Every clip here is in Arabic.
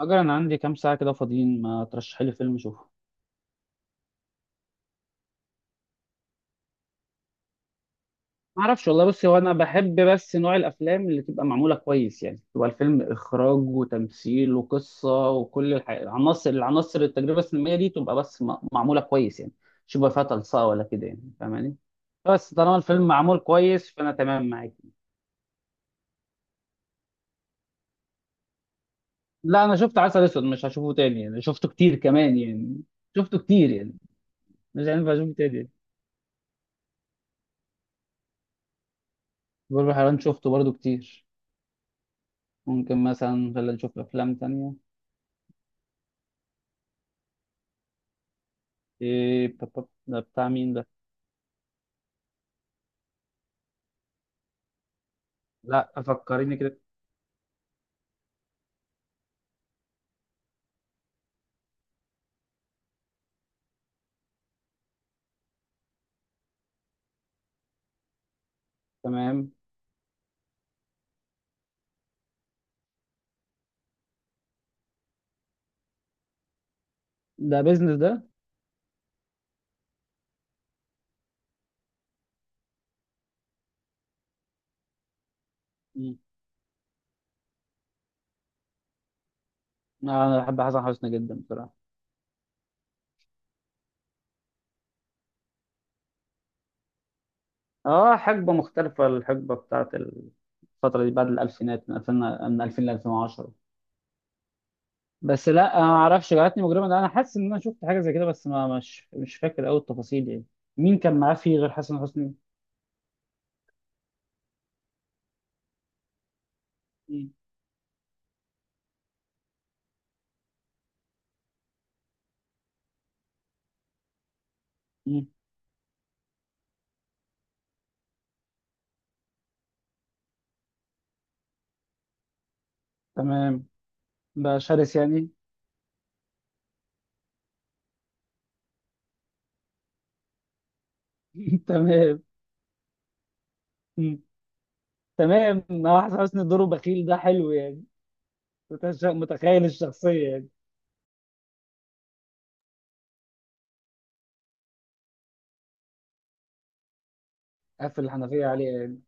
أجل، أنا عندي كام ساعة كده فاضيين. ما ترشحي لي فيلم أشوفه؟ ما أعرفش والله. بصي، هو أنا بحب بس نوع الأفلام اللي تبقى معمولة كويس، يعني تبقى الفيلم إخراج وتمثيل وقصة وكل العناصر التجربة السينمائية دي تبقى بس معمولة كويس يعني. مش يبقى فيها تلصقة ولا كده، يعني فاهماني؟ بس طالما الفيلم معمول كويس فأنا تمام معاك. لا، أنا شفت عسل أسود، مش هشوفه تاني، يعني شفته كتير كمان يعني. شفته كتير يعني. مش هينفع أشوفه تاني. بلبل حيران شفته برضه كتير. ممكن مثلا خلينا نشوف أفلام تانية. ايه ده بتاع مين ده؟ لا، فكريني كده. تمام. ده بيزنس ده؟ مم. انا بحب حسن حسني جدا بصراحه. اه، حقبة مختلفة، الحقبة بتاعت الفترة دي بعد الألفينات من 2000، ل 2010. بس لا، انا ما اعرفش جعلتني مجرما ده، انا حاسس ان انا شفت حاجه زي كده، بس ما مش فاكر قوي التفاصيل يعني. مين كان معاه فيه غير حسن حسني؟ مم. مم. تمام. ده شرس يعني. تمام. مم. تمام، حسن حسني دوره بخيل ده حلو يعني. متخيل الشخصية يعني. قافل الحنفية عليها يعني.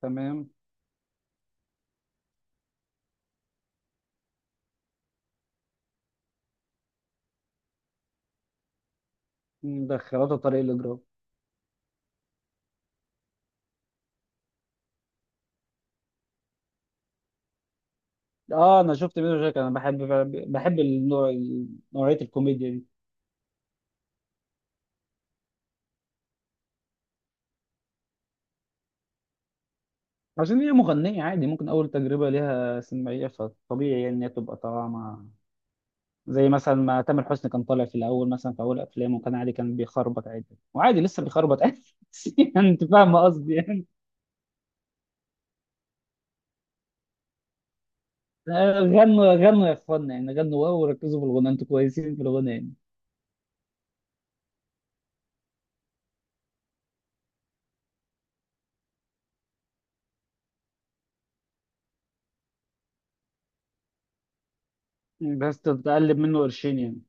تمام. مدخلاته طريق الإجرام. اه، انا شفت منه شكل، انا بحب. بحب النوع. نوعية الكوميديا دي. عشان هي مغنية عادي، ممكن اول تجربة ليها سينمائية، فطبيعي يعني ان هي تبقى طالعة مع. زي مثلا ما تامر حسني كان طالع في الاول، مثلا في اول افلامه كان عادي، كان بيخربط عادي، وعادي لسه بيخربط عادي. يعني انت فاهم قصدي يعني. غنوا غنوا يا اخوانا، يعني غنوا واو وركزوا في الغنى، انتوا كويسين في الغنى يعني. بس تتقلب منه قرشين يعني.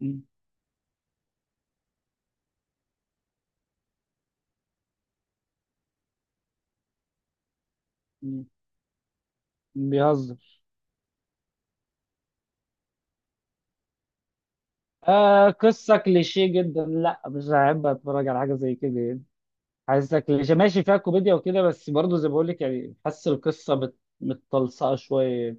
مم. مم. بيهزر. آه، قصة كليشيه جدا، لا مش هحب اتفرج على حاجة زي كده يعني. حاسسها كليشيه، ماشي فيها كوميديا وكده، بس برضه زي ما بقول لك، يعني حاسس القصة متطلسقة شوية.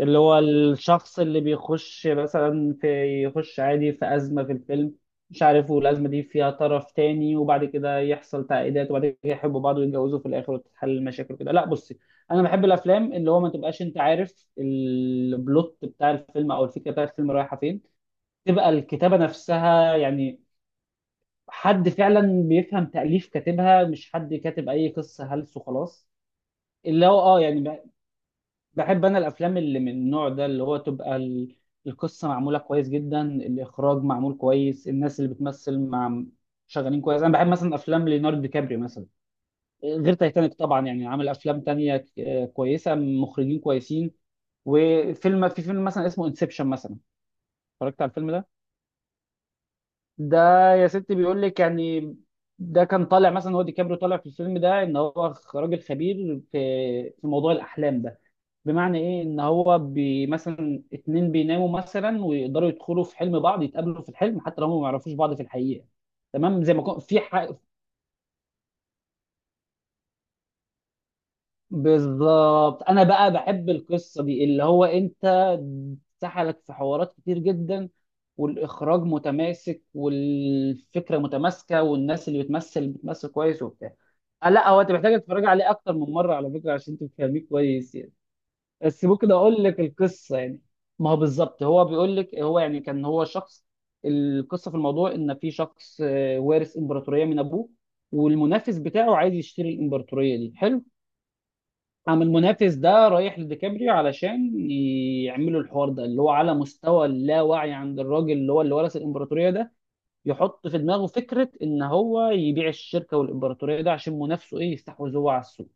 اللي هو الشخص اللي بيخش مثلا في، يخش عادي في أزمة في الفيلم، مش عارف، والأزمة دي فيها طرف تاني، وبعد كده يحصل تعقيدات، وبعد كده يحبوا بعض ويتجوزوا في الآخر وتتحل المشاكل وكده. لا بصي، أنا بحب الأفلام اللي هو ما تبقاش أنت عارف البلوت بتاع الفيلم أو الفكرة بتاع الفيلم رايحة فين، تبقى الكتابة نفسها يعني. حد فعلا بيفهم تأليف كاتبها، مش حد كاتب أي قصة هلس وخلاص. اللي هو يعني، بحب انا الافلام اللي من النوع ده، اللي هو تبقى القصه معموله كويس جدا، الاخراج معمول كويس، الناس اللي بتمثل مع، شغالين كويس. انا بحب مثلا افلام ليوناردو دي كابريو مثلا، غير تايتانيك طبعا، يعني عامل افلام تانية كويسه، مخرجين كويسين. وفيلم، في فيلم مثلا اسمه انسبشن مثلا، اتفرجت على الفيلم ده؟ ده، يا ستي بيقول لك يعني، ده كان طالع مثلا هو، دي كابريو طالع في الفيلم ده ان هو راجل خبير في موضوع الاحلام ده. بمعنى ايه، ان هو مثلا اتنين بيناموا مثلا ويقدروا يدخلوا في حلم بعض، يتقابلوا في الحلم حتى لو هم ما يعرفوش بعض في الحقيقه. تمام، زي ما كنت في بالظبط، انا بقى بحب القصه دي، اللي هو انت سحلك في حوارات كتير جدا، والاخراج متماسك والفكره متماسكه والناس اللي بتمثل كويس وبتاع. لا، هو انت محتاج تتفرج عليه اكتر من مره على فكره عشان تفهميه كويس يعني. بس ممكن اقول لك القصه يعني. ما هو بالظبط هو بيقول لك، هو يعني كان هو شخص. القصه في الموضوع ان في شخص وارث امبراطوريه من ابوه، والمنافس بتاعه عايز يشتري الامبراطوريه دي. حلو. قام المنافس ده رايح لديكابريو علشان يعملوا الحوار ده، اللي هو على مستوى اللاوعي عند الراجل اللي هو اللي ورث الامبراطوريه ده، يحط في دماغه فكره ان هو يبيع الشركه والامبراطوريه ده عشان منافسه ايه يستحوذ هو على السوق.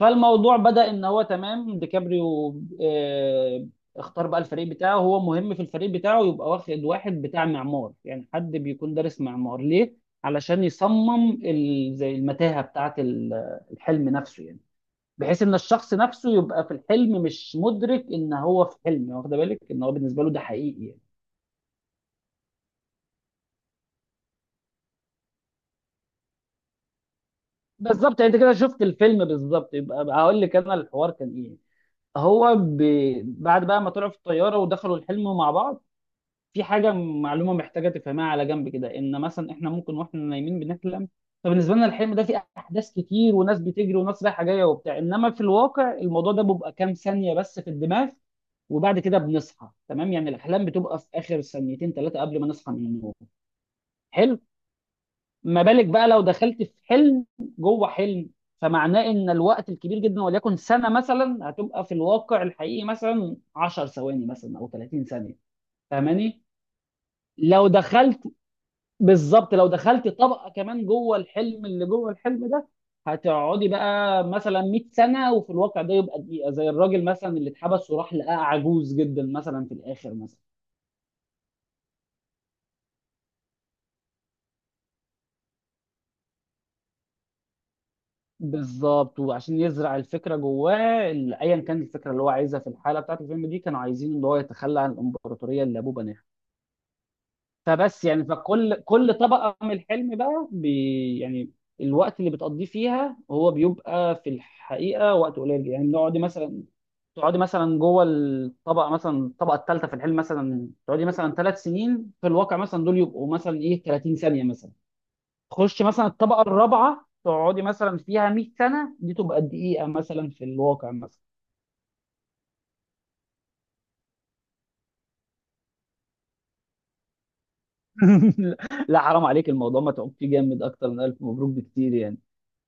فالموضوع بدأ ان هو، تمام، ديكابريو آه، اختار بقى الفريق بتاعه. هو مهم في الفريق بتاعه يبقى واخد واحد بتاع معمار، يعني حد بيكون دارس معمار، ليه؟ علشان يصمم زي المتاهة بتاعة الحلم نفسه يعني، بحيث ان الشخص نفسه يبقى في الحلم مش مدرك ان هو في حلم. واخد بالك ان هو بالنسبة له ده حقيقي يعني. بالظبط يعني انت كده شفت الفيلم، بالظبط، يبقى هقول لك انا الحوار كان ايه. هو بعد بقى ما طلعوا في الطيارة ودخلوا الحلم مع بعض، في حاجه معلومه محتاجه تفهمها على جنب كده، ان مثلا احنا ممكن واحنا نايمين بنحلم. فبالنسبه لنا الحلم ده فيه احداث كتير وناس بتجري وناس رايحه جايه وبتاع، انما في الواقع الموضوع ده بيبقى كام ثانيه بس في الدماغ. وبعد كده بنصحى. تمام، يعني الاحلام بتبقى في اخر ثانيتين ثلاثه قبل ما نصحى من النوم. حلو. ما بالك بقى لو دخلت في حلم جوه حلم، فمعناه ان الوقت الكبير جدا، وليكن سنه مثلا، هتبقى في الواقع الحقيقي مثلا 10 ثواني مثلا او 30 ثانيه. فاهماني؟ لو دخلت، بالظبط، لو دخلت طبقه كمان جوه الحلم اللي جوه الحلم ده، هتقعدي بقى مثلا 100 سنه وفي الواقع ده يبقى دقيقه، زي الراجل مثلا اللي اتحبس وراح لقاه عجوز جدا مثلا في الاخر مثلا. بالظبط، وعشان يزرع الفكره جواه، ايا كانت الفكره اللي هو عايزها. في الحاله بتاعت الفيلم دي كانوا عايزين ان هو يتخلى عن الامبراطوريه اللي ابوه بناها. فبس يعني، فكل طبقه من الحلم بقى يعني الوقت اللي بتقضيه فيها هو بيبقى في الحقيقه وقت قليل. يعني نقعد مثلا، تقعدي مثلا جوه الطبقه، مثلا الطبقه الثالثه في الحلم، مثلا تقعدي مثلا 3 سنين، في الواقع مثلا دول يبقوا مثلا ايه 30 ثانيه مثلا. تخش مثلا الطبقه الرابعه، تقعدي مثلا فيها 100 سنه، دي تبقى دقيقه مثلا في الواقع مثلا. لا حرام عليك، الموضوع ما تعبتي جامد، اكتر من الف مبروك بكتير يعني.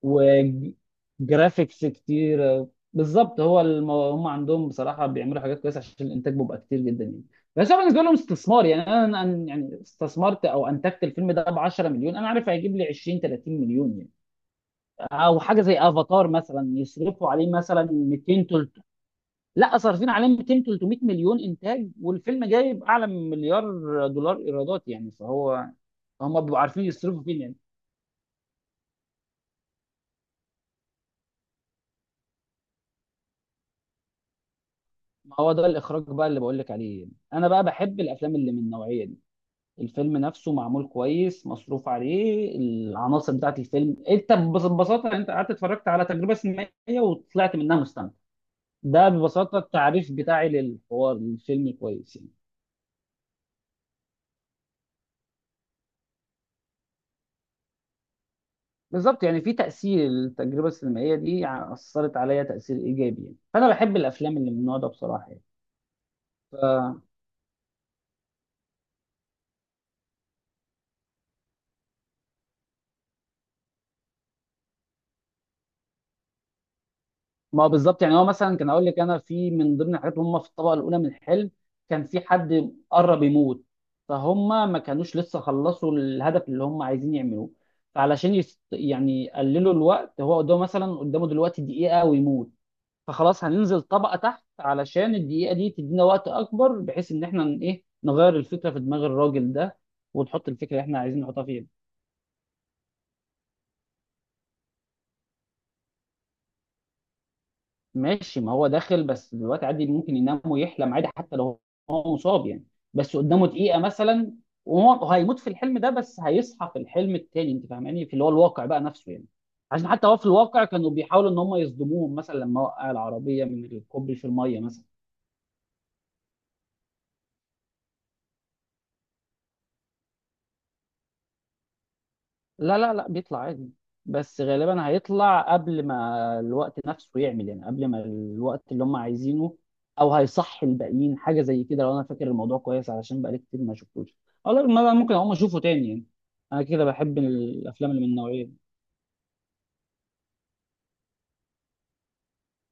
وجرافيكس كتير. بالظبط، هو هم عندهم بصراحه، بيعملوا حاجات كويسه، عشان الانتاج بيبقى كتير جدا يعني. بس هو بالنسبه لهم استثمار، يعني انا يعني استثمرت او انتجت الفيلم ده ب 10 مليون، انا عارف هيجيب لي 20 30 مليون يعني. او حاجه زي افاتار مثلا يصرفوا عليه مثلا 200 300. لا صارفين عليه 200 300 مليون انتاج، والفيلم جايب اعلى من مليار دولار ايرادات يعني. فهو هم بيبقوا عارفين يصرفوا فين يعني. ما هو ده الاخراج بقى اللي بقول لك عليه، انا بقى بحب الافلام اللي من النوعيه دي، الفيلم نفسه معمول كويس مصروف عليه العناصر بتاعت الفيلم. انت ببساطه، انت قعدت اتفرجت على تجربه سينمائيه وطلعت منها مستمتع. ده ببساطه التعريف بتاعي للحوار، للفيلم كويس يعني. بالظبط يعني، في تاثير، التجربه السينمائيه دي اثرت عليا تاثير ايجابي يعني. فانا بحب الافلام اللي من النوع ده بصراحه يعني. ما بالظبط يعني هو، مثلا كان اقول لك انا، في من ضمن الحاجات اللي هم في الطبقه الاولى من الحلم كان في حد قرب يموت. فهم ما كانوش لسه خلصوا الهدف اللي هم عايزين يعملوه. فعلشان يعني يقللوا الوقت، هو قدامه مثلا، قدامه دلوقتي دقيقه ويموت. فخلاص هننزل طبقه تحت علشان الدقيقه دي تدينا وقت اكبر، بحيث ان احنا ن- ايه نغير الفكره في دماغ الراجل ده، ونحط الفكره اللي احنا عايزين نحطها فيه. ماشي، ما هو داخل بس دلوقتي عادي، ممكن ينام ويحلم عادي حتى لو هو مصاب يعني. بس قدامه دقيقة مثلا، وهو هيموت في الحلم ده بس هيصحى في الحلم التاني، انت فاهماني، في اللي هو الواقع بقى نفسه يعني. عشان حتى هو في الواقع كانوا بيحاولوا ان هم يصدموهم، مثلا لما وقع العربية من الكوبري في المية مثلا. لا لا لا، بيطلع عادي، بس غالبا هيطلع قبل ما الوقت نفسه يعمل، يعني قبل ما الوقت اللي هم عايزينه، او هيصحي الباقيين، حاجه زي كده لو انا فاكر الموضوع كويس، علشان بقالي كتير ما شفتوش، او لا، ما ممكن اقوم اشوفه تاني يعني. انا كده بحب الافلام اللي من النوعيه دي.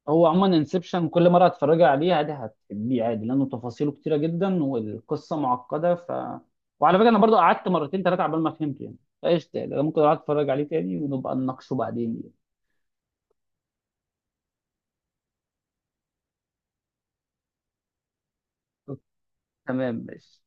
هو عموما انسبشن كل مره هتتفرجي عليه عادي هتحبيه عادي، لانه تفاصيله كتيره جدا والقصه معقده، وعلى فكره انا برضو قعدت مرتين ثلاثه عبال ما فهمت يعني. فايش تاني، انا ممكن اقعد اتفرج عليه تاني ونبقى نناقشه بعدين يعني. تمام، ماشي.